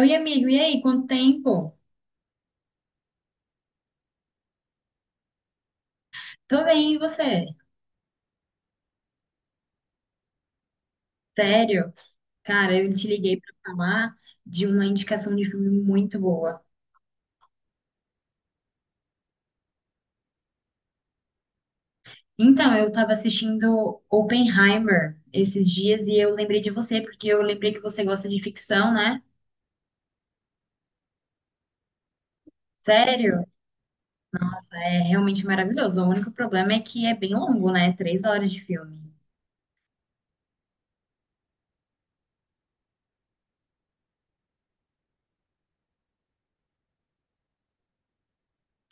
Oi, amigo, e aí? Quanto tempo? Tô bem, e você? Sério? Cara, eu te liguei pra falar de uma indicação de filme muito boa. Então, eu tava assistindo Oppenheimer esses dias e eu lembrei de você, porque eu lembrei que você gosta de ficção, né? Sério? É realmente maravilhoso. O único problema é que é bem longo, né? Três horas de filme.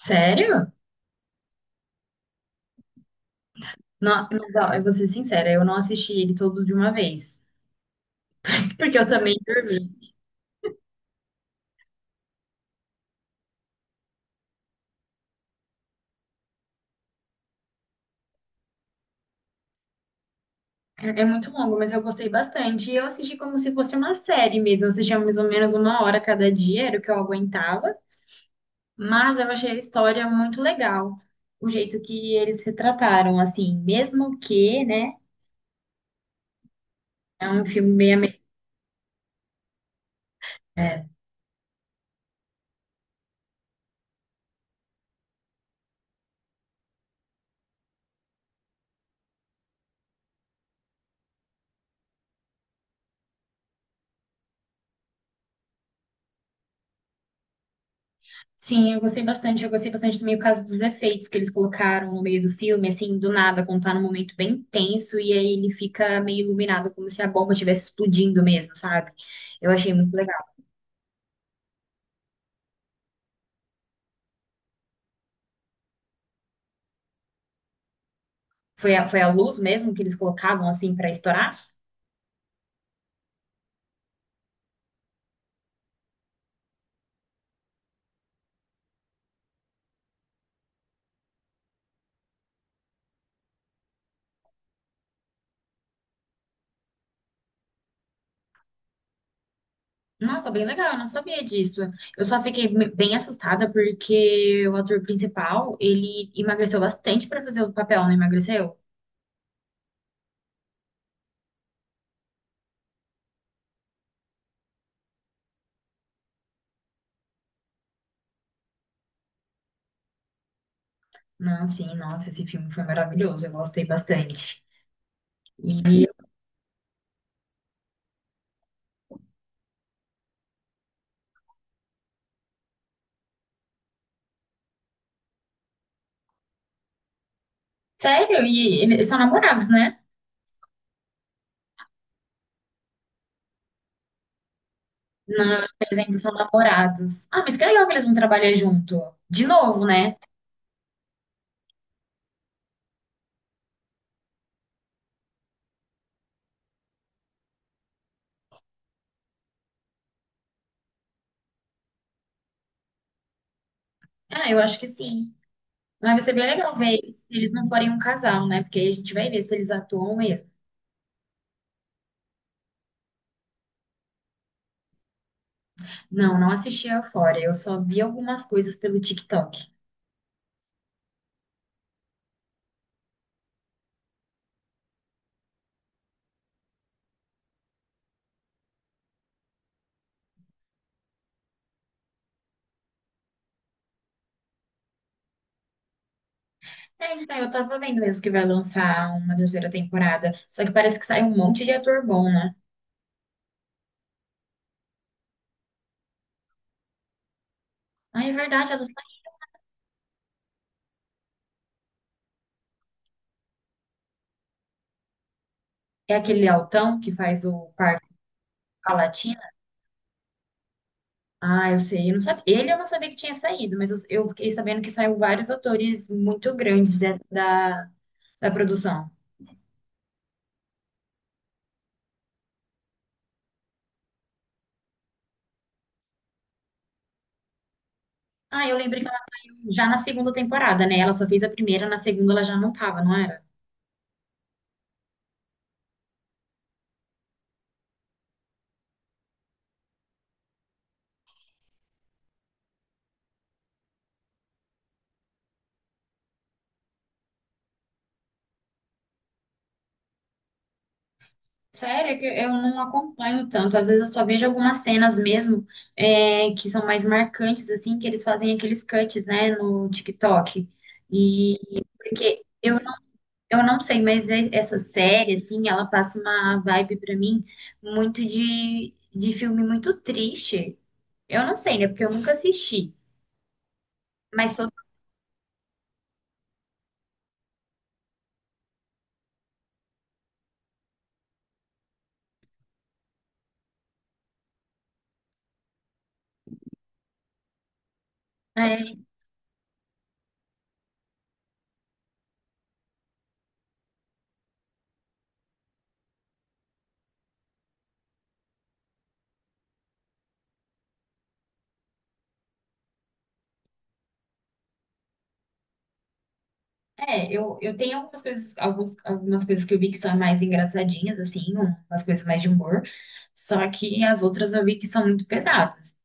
Sério? Não, mas, ó, eu vou ser sincera, eu não assisti ele todo de uma vez, porque eu também dormi. É muito longo, mas eu gostei bastante. E eu assisti como se fosse uma série mesmo. Eu assistia mais ou menos uma hora cada dia, era o que eu aguentava. Mas eu achei a história muito legal. O jeito que eles retrataram, assim, mesmo que, né? É um filme meio. é. Sim, eu gostei bastante. Eu gostei bastante também o caso dos efeitos que eles colocaram no meio do filme, assim, do nada, quando tá num momento bem tenso, e aí ele fica meio iluminado, como se a bomba estivesse explodindo mesmo, sabe? Eu achei muito legal. Foi a luz mesmo que eles colocavam assim pra estourar? Nossa, bem legal, eu não sabia disso. Eu só fiquei me- Bem assustada porque o ator principal, ele emagreceu bastante pra fazer o papel, não emagreceu? Não, sim, nossa, esse filme foi maravilhoso, eu gostei bastante. E, Sério, e eles são namorados, né? Não, eles ainda são namorados. Ah, mas que legal que eles vão trabalhar junto. De novo, né? Ah, eu acho que sim. Mas vai ser bem legal ver se eles não forem um casal, né? Porque aí a gente vai ver se eles atuam mesmo. Não, não assisti a Euphoria. Eu só vi algumas coisas pelo TikTok. É, então, eu tava vendo mesmo que vai lançar uma terceira temporada. Só que parece que sai um monte de ator bom, né? Ah, é verdade, é aquele altão que faz o parto com a Latina. Ah, eu sei, eu não sabia. Ele Eu não sabia que tinha saído, mas eu fiquei sabendo que saiu vários atores muito grandes da produção. Ah, eu lembrei que ela saiu já na segunda temporada, né? Ela só fez a primeira, na segunda ela já não tava, não era? Sério, é que eu não acompanho tanto. Às vezes eu só vejo algumas cenas mesmo, que são mais marcantes, assim, que eles fazem aqueles cuts, né, no TikTok. E porque eu não, Eu não sei, mas essa série, assim, ela passa uma vibe pra mim muito de filme muito triste. Eu não sei, né, porque eu nunca assisti. Mas tô, é. É, eu tenho algumas coisas, algumas coisas que eu vi que são mais engraçadinhas, assim, umas coisas mais de humor, só que as outras eu vi que são muito pesadas.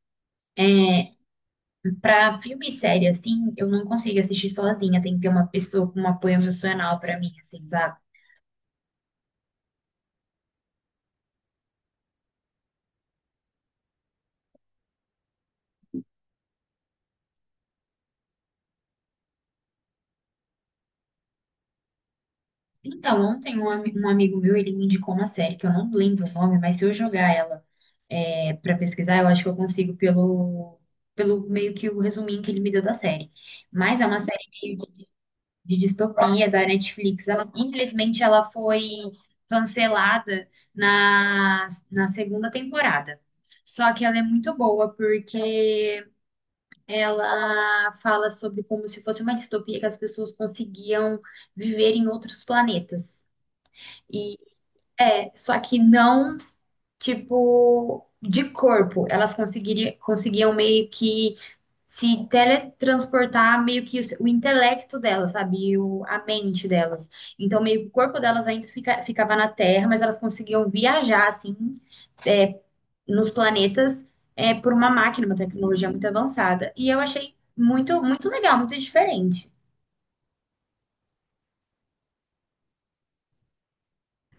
Pra filme e série, assim, eu não consigo assistir sozinha, tem que ter uma pessoa com um apoio emocional pra mim, assim, sabe? Então, ontem um amigo meu, ele me indicou uma série que eu não lembro o nome, mas se eu jogar ela para pesquisar, eu acho que eu consigo pelo meio que o resuminho que ele me deu da série. Mas é uma série de distopia da Netflix. Ela, infelizmente, ela foi cancelada na segunda temporada. Só que ela é muito boa porque ela fala sobre como se fosse uma distopia que as pessoas conseguiam viver em outros planetas. E é, só que não, tipo, de corpo. Conseguiam meio que se teletransportar meio que o intelecto delas, sabe? A mente delas. Então, meio que o corpo delas ficava na Terra, mas elas conseguiam viajar, assim, nos planetas, é, por uma máquina, uma tecnologia muito avançada. E eu achei muito, muito legal, muito diferente.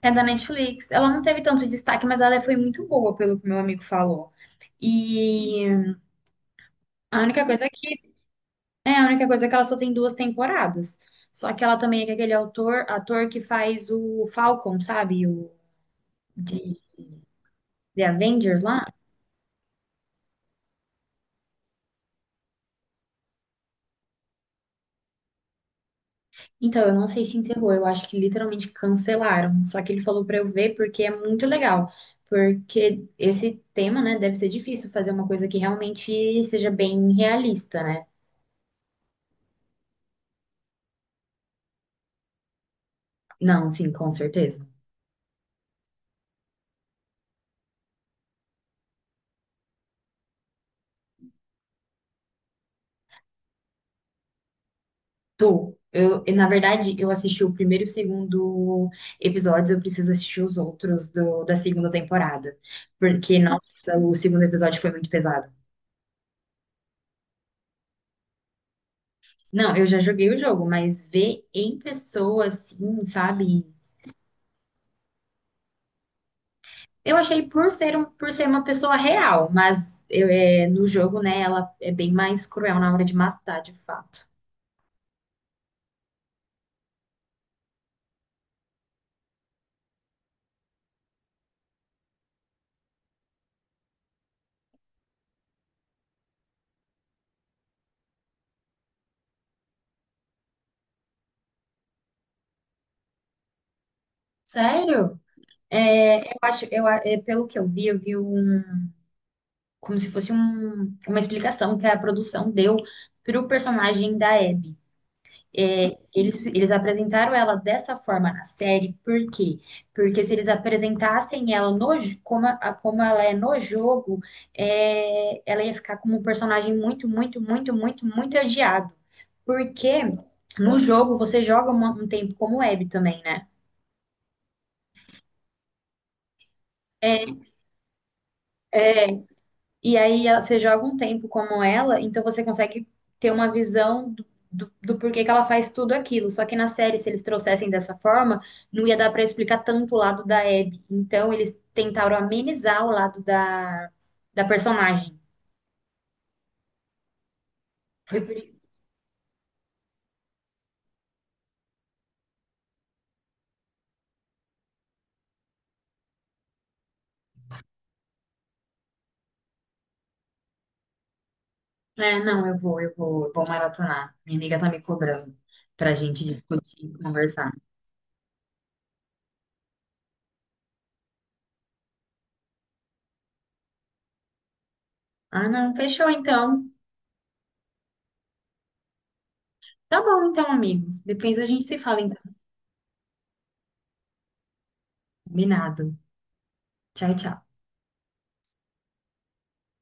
É da Netflix. Ela não teve tanto destaque, mas ela foi muito boa, pelo que meu amigo falou. E a única coisa é que assim, é, a única coisa é que ela só tem duas temporadas. Só que ela também é com aquele ator que faz o Falcon, sabe? O de The Avengers lá. Então, eu não sei se encerrou, eu acho que literalmente cancelaram. Só que ele falou pra eu ver porque é muito legal. Porque esse tema, né, deve ser difícil fazer uma coisa que realmente seja bem realista, né? Não, sim, com certeza. Tô. Na verdade, eu assisti o primeiro e o segundo episódios, eu preciso assistir os outros da segunda temporada. Porque, nossa, o segundo episódio foi muito pesado. Não, eu já joguei o jogo, mas ver em pessoa, assim, sabe? Eu achei por ser, um, por ser uma pessoa real, mas eu, é, no jogo, né, ela é bem mais cruel na hora de matar, de fato. Sério? É, eu acho, eu, a- É, pelo que eu vi um como se fosse uma explicação que a produção deu para o personagem da Abby. É, eles apresentaram ela dessa forma na série, por quê? Porque se eles apresentassem ela no, j- como, como ela é no jogo, é, ela ia ficar como um personagem muito, muito, muito, muito, muito odiado. Porque no jogo você joga um tempo como Abby também, né? É, é, e aí você joga um tempo como ela, então você consegue ter uma visão do porquê que ela faz tudo aquilo. Só que na série, se eles trouxessem dessa forma, não ia dar pra explicar tanto o lado da Abby. Então eles tentaram amenizar o lado da personagem. Foi por... i- É, não, eu vou maratonar. Minha amiga tá me cobrando pra gente discutir, conversar. Ah, não, fechou então. Tá bom então, amigo. Depois a gente se fala então. Combinado. Tchau, tchau.